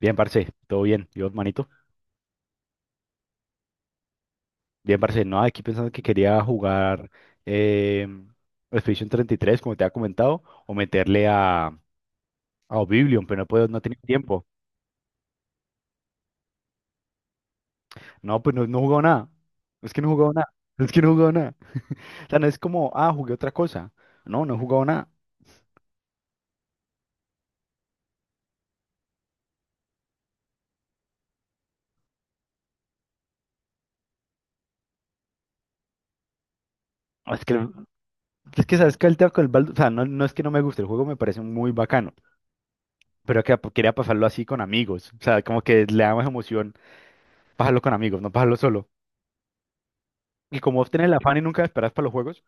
Bien, parce, todo bien. Yo, manito. Bien, parce, no, aquí pensando que quería jugar eh, Expedition 33, como te había comentado, o meterle a Oblivion, pero no puedo, no tenía tiempo. No, pues no, no he jugado nada. Es que no he jugado nada. Es que no he jugado nada. O sea, no es como, ah, jugué otra cosa. No, no he jugado nada. Es que, es que sabes que el tema con el Baldur's, o sea, no, no es que no me guste, el juego me parece muy bacano, pero que quería pasarlo así con amigos. O sea, como que le da más emoción pasarlo con amigos, no pasarlo solo. Y como vos tenés el afán y nunca esperás para los juegos.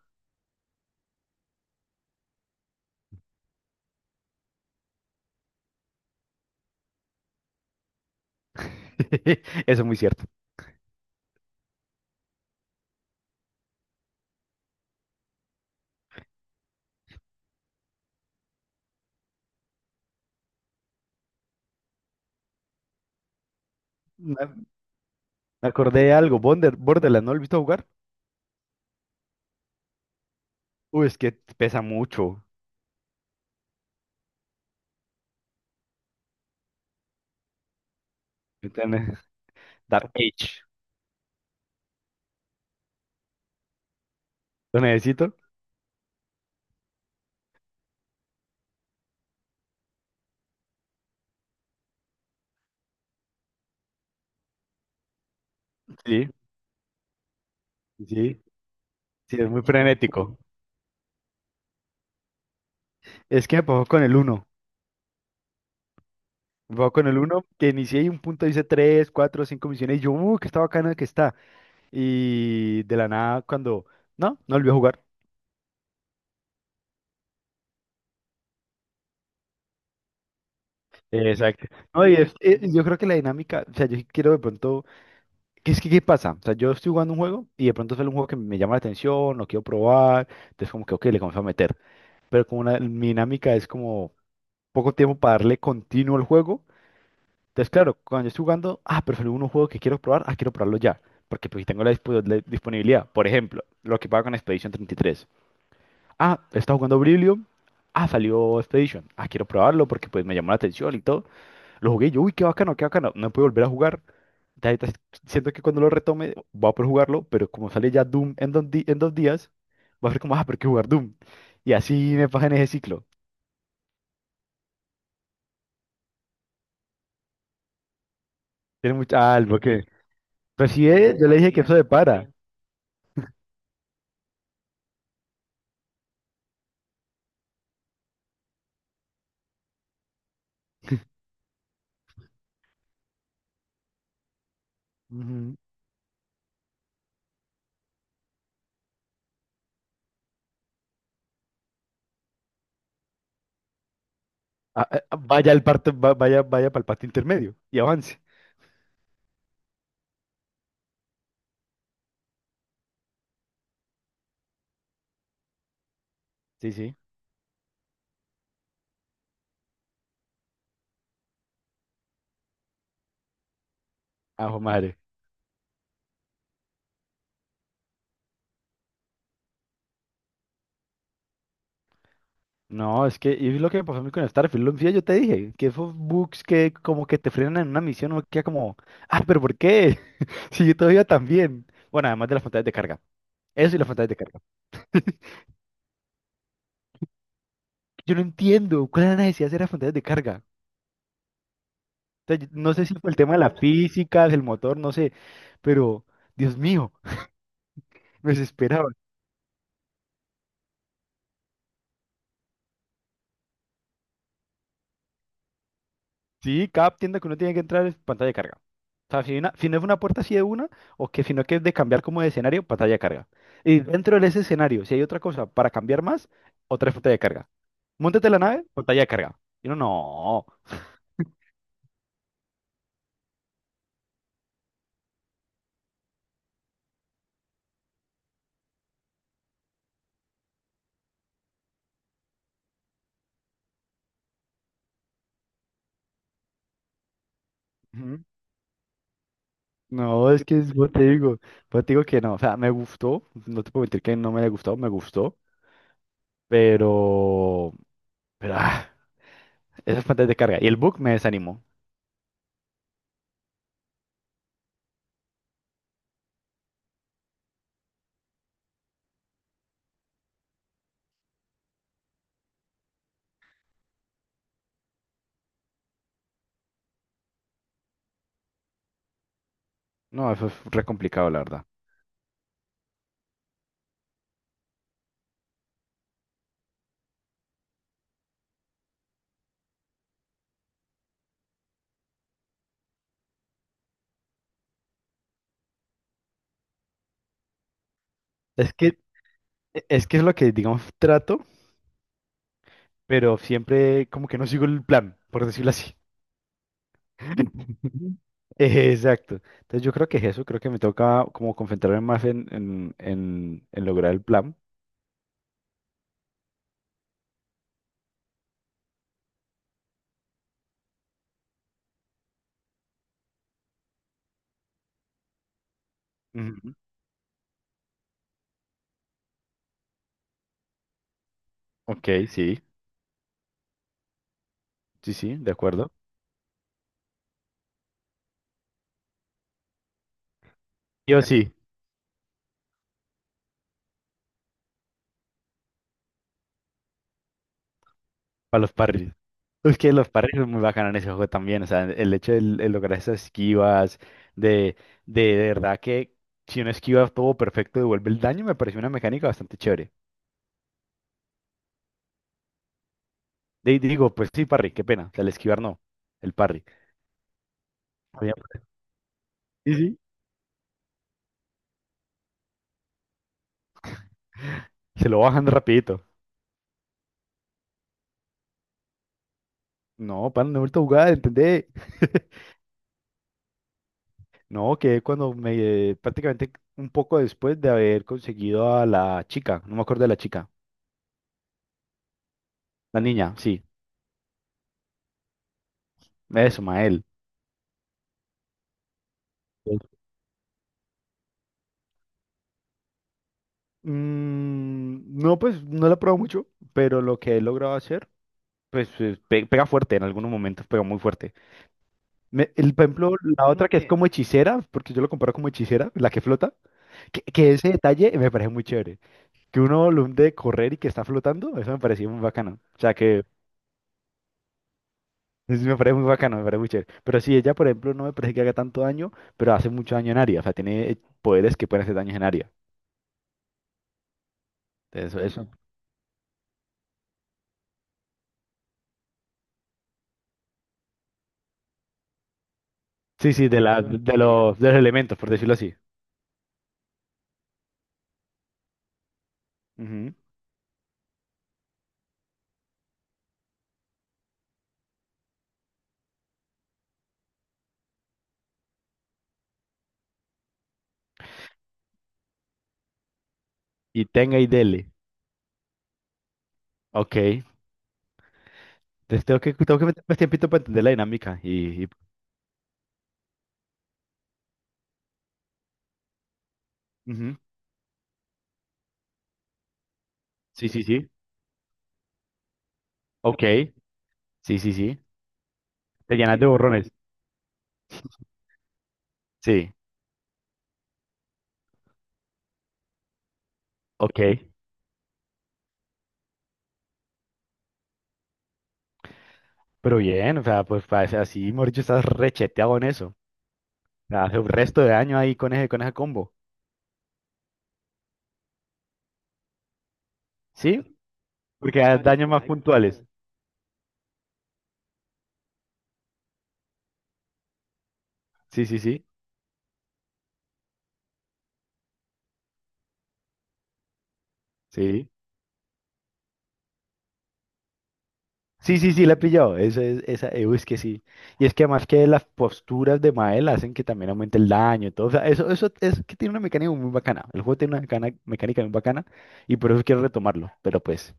Eso es muy cierto. Me me acordé de algo. Bonder- Borderlands, ¿no lo he visto jugar? Uy, es que pesa mucho. Tiene- Dark Age. ¿Lo necesito? Sí, sí, sí, es muy frenético. Es que me pasó con el uno. Me pasó con el uno que inicié y un punto hice 3 4 5 misiones y yo, uy, que está bacana que está. Y de la nada, cuando. No, no volví a jugar. Exacto. No, y es- yo creo que la dinámica, o sea, yo sí quiero de pronto. Es que, ¿qué pasa? O sea, yo estoy jugando un juego y de pronto sale un juego que me llama la atención, lo quiero probar, entonces como que, ok, le comienzo a meter. Pero como una, mi dinámica es como poco tiempo para darle continuo al juego, entonces claro, cuando yo estoy jugando, ah, pero salió un juego que quiero probar, ah, quiero probarlo ya, porque pues tengo la, dispo- la disponibilidad. Por ejemplo, lo que pasa con Expedition 33. Ah, está jugando Oblivion, ah, salió Expedition, ah, quiero probarlo porque pues me llamó la atención y todo. Lo jugué y yo, uy, qué bacano, no puedo volver a jugar ya ahorita, siento que cuando lo retome voy a poder jugarlo, pero como sale ya Doom en dos, di- en dos días, va a ser como, ah, pero hay que jugar Doom. Y así me pasa en ese ciclo. Tiene mucha algo que. Pero si yo le dije que eso de para. Ujú. Ah, ah, ah, vaya al parte, va- vaya, vaya para el parte intermedio y avance. Sí, sí. Ajo madre. No, es que y es lo que me pasó a mí con Starfield. Lo yo te dije, que esos bugs que como que te frenan en una misión, uno queda como, ah, pero ¿por qué? Si yo todavía también. Bueno, además de las pantallas de carga. Eso y las pantallas de carga. Yo no entiendo cuál era la necesidad de hacer esas de carga. O sea, yo- no sé si fue el tema de la física del motor, no sé, pero Dios mío, me desesperaba. Sí, cada tienda que uno tiene que entrar es pantalla de carga. O sea, si, una- si no es una puerta así de una, o que si no que es de cambiar como de escenario, pantalla de carga. Y dentro de ese escenario, si hay otra cosa para cambiar más, otra es pantalla de carga. Móntate en la nave, pantalla de carga. Y uno, no. Ujú. No, es que es- yo te digo que no, o sea, me gustó, no te puedo mentir que no me haya gustado, me gustó. Pero, pero ah, esas fuentes de carga. Y el bug me desanimó. No, eso es re complicado, la verdad. Es que, es que es lo que, digamos, trato, pero siempre como que no sigo el plan, por decirlo así. Exacto. Entonces yo creo que es eso, creo que me toca como concentrarme más en lograr el plan. Ujú. Ok, sí, sí, sí, de acuerdo. Yo sí. O sí. Para los parries. Es que los parries son muy bacanos en ese juego también. O sea, el hecho de lograr esas esquivas, de, de verdad que si uno esquiva todo perfecto, devuelve el daño, me pareció una mecánica bastante chévere. De, digo, pues sí, parry, qué pena. O sea, el esquivar no, el parry. Había- Sí, sí. Se lo bajan rapidito. No, pan, no he vuelto a jugar, ¿entendé? No, que cuando me... prácticamente un poco después de haber conseguido a la chica, no me acuerdo de la chica, la niña, sí, eso, Mael. Mm, no, pues no la he probado mucho, pero lo que he logrado hacer, pues pe- pega fuerte, en algunos momentos pega muy fuerte. Me- el, por ejemplo, la Uno otra Uno que es que, como hechicera, porque yo lo comparo como hechicera, la que flota, que ese detalle me parece muy chévere. Que uno lo de correr y que está flotando, eso me parecía muy bacano. O sea que eso me parece muy bacano, me parece muy chévere. Pero sí, ella, por ejemplo, no me parece que haga tanto daño, pero hace mucho daño en área. O sea, tiene poderes que pueden hacer daño en área. Entonces, eso. Eso- Sí, sí, de la, no de los, de los elementos, por decirlo así. Ujú. Y tenga y dele. Ok. Entonces tengo que meter más tiempito para entender la dinámica. Y- Ujú. Sí, sí, sí. Ok. Sí, sí, sí. Te llenas de borrones. Sí. Ok. Pero bien, o sea, pues parece así, Mauricio, estás recheteado en eso. O sea, hace un resto de daño ahí con ese combo. ¿Sí? Porque das daños más puntuales. Sí, sí, sí. Sí. Sí, sí, sí, la he pillado. Esa, es- esa, uy, es que sí. Y es que además que las posturas de Mael hacen que también aumente el daño y todo. O sea, eso es que tiene una mecánica muy bacana. El juego tiene una mecana- mecánica muy bacana y por eso quiero retomarlo. Pero pues,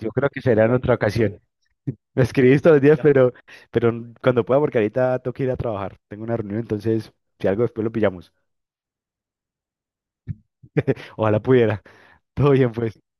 yo creo que será en otra ocasión. Me escribís todos los días, pero cuando pueda, porque ahorita tengo que ir a trabajar. Tengo una reunión, entonces, si algo después lo pillamos. Ojalá pudiera. Todo bien, pues.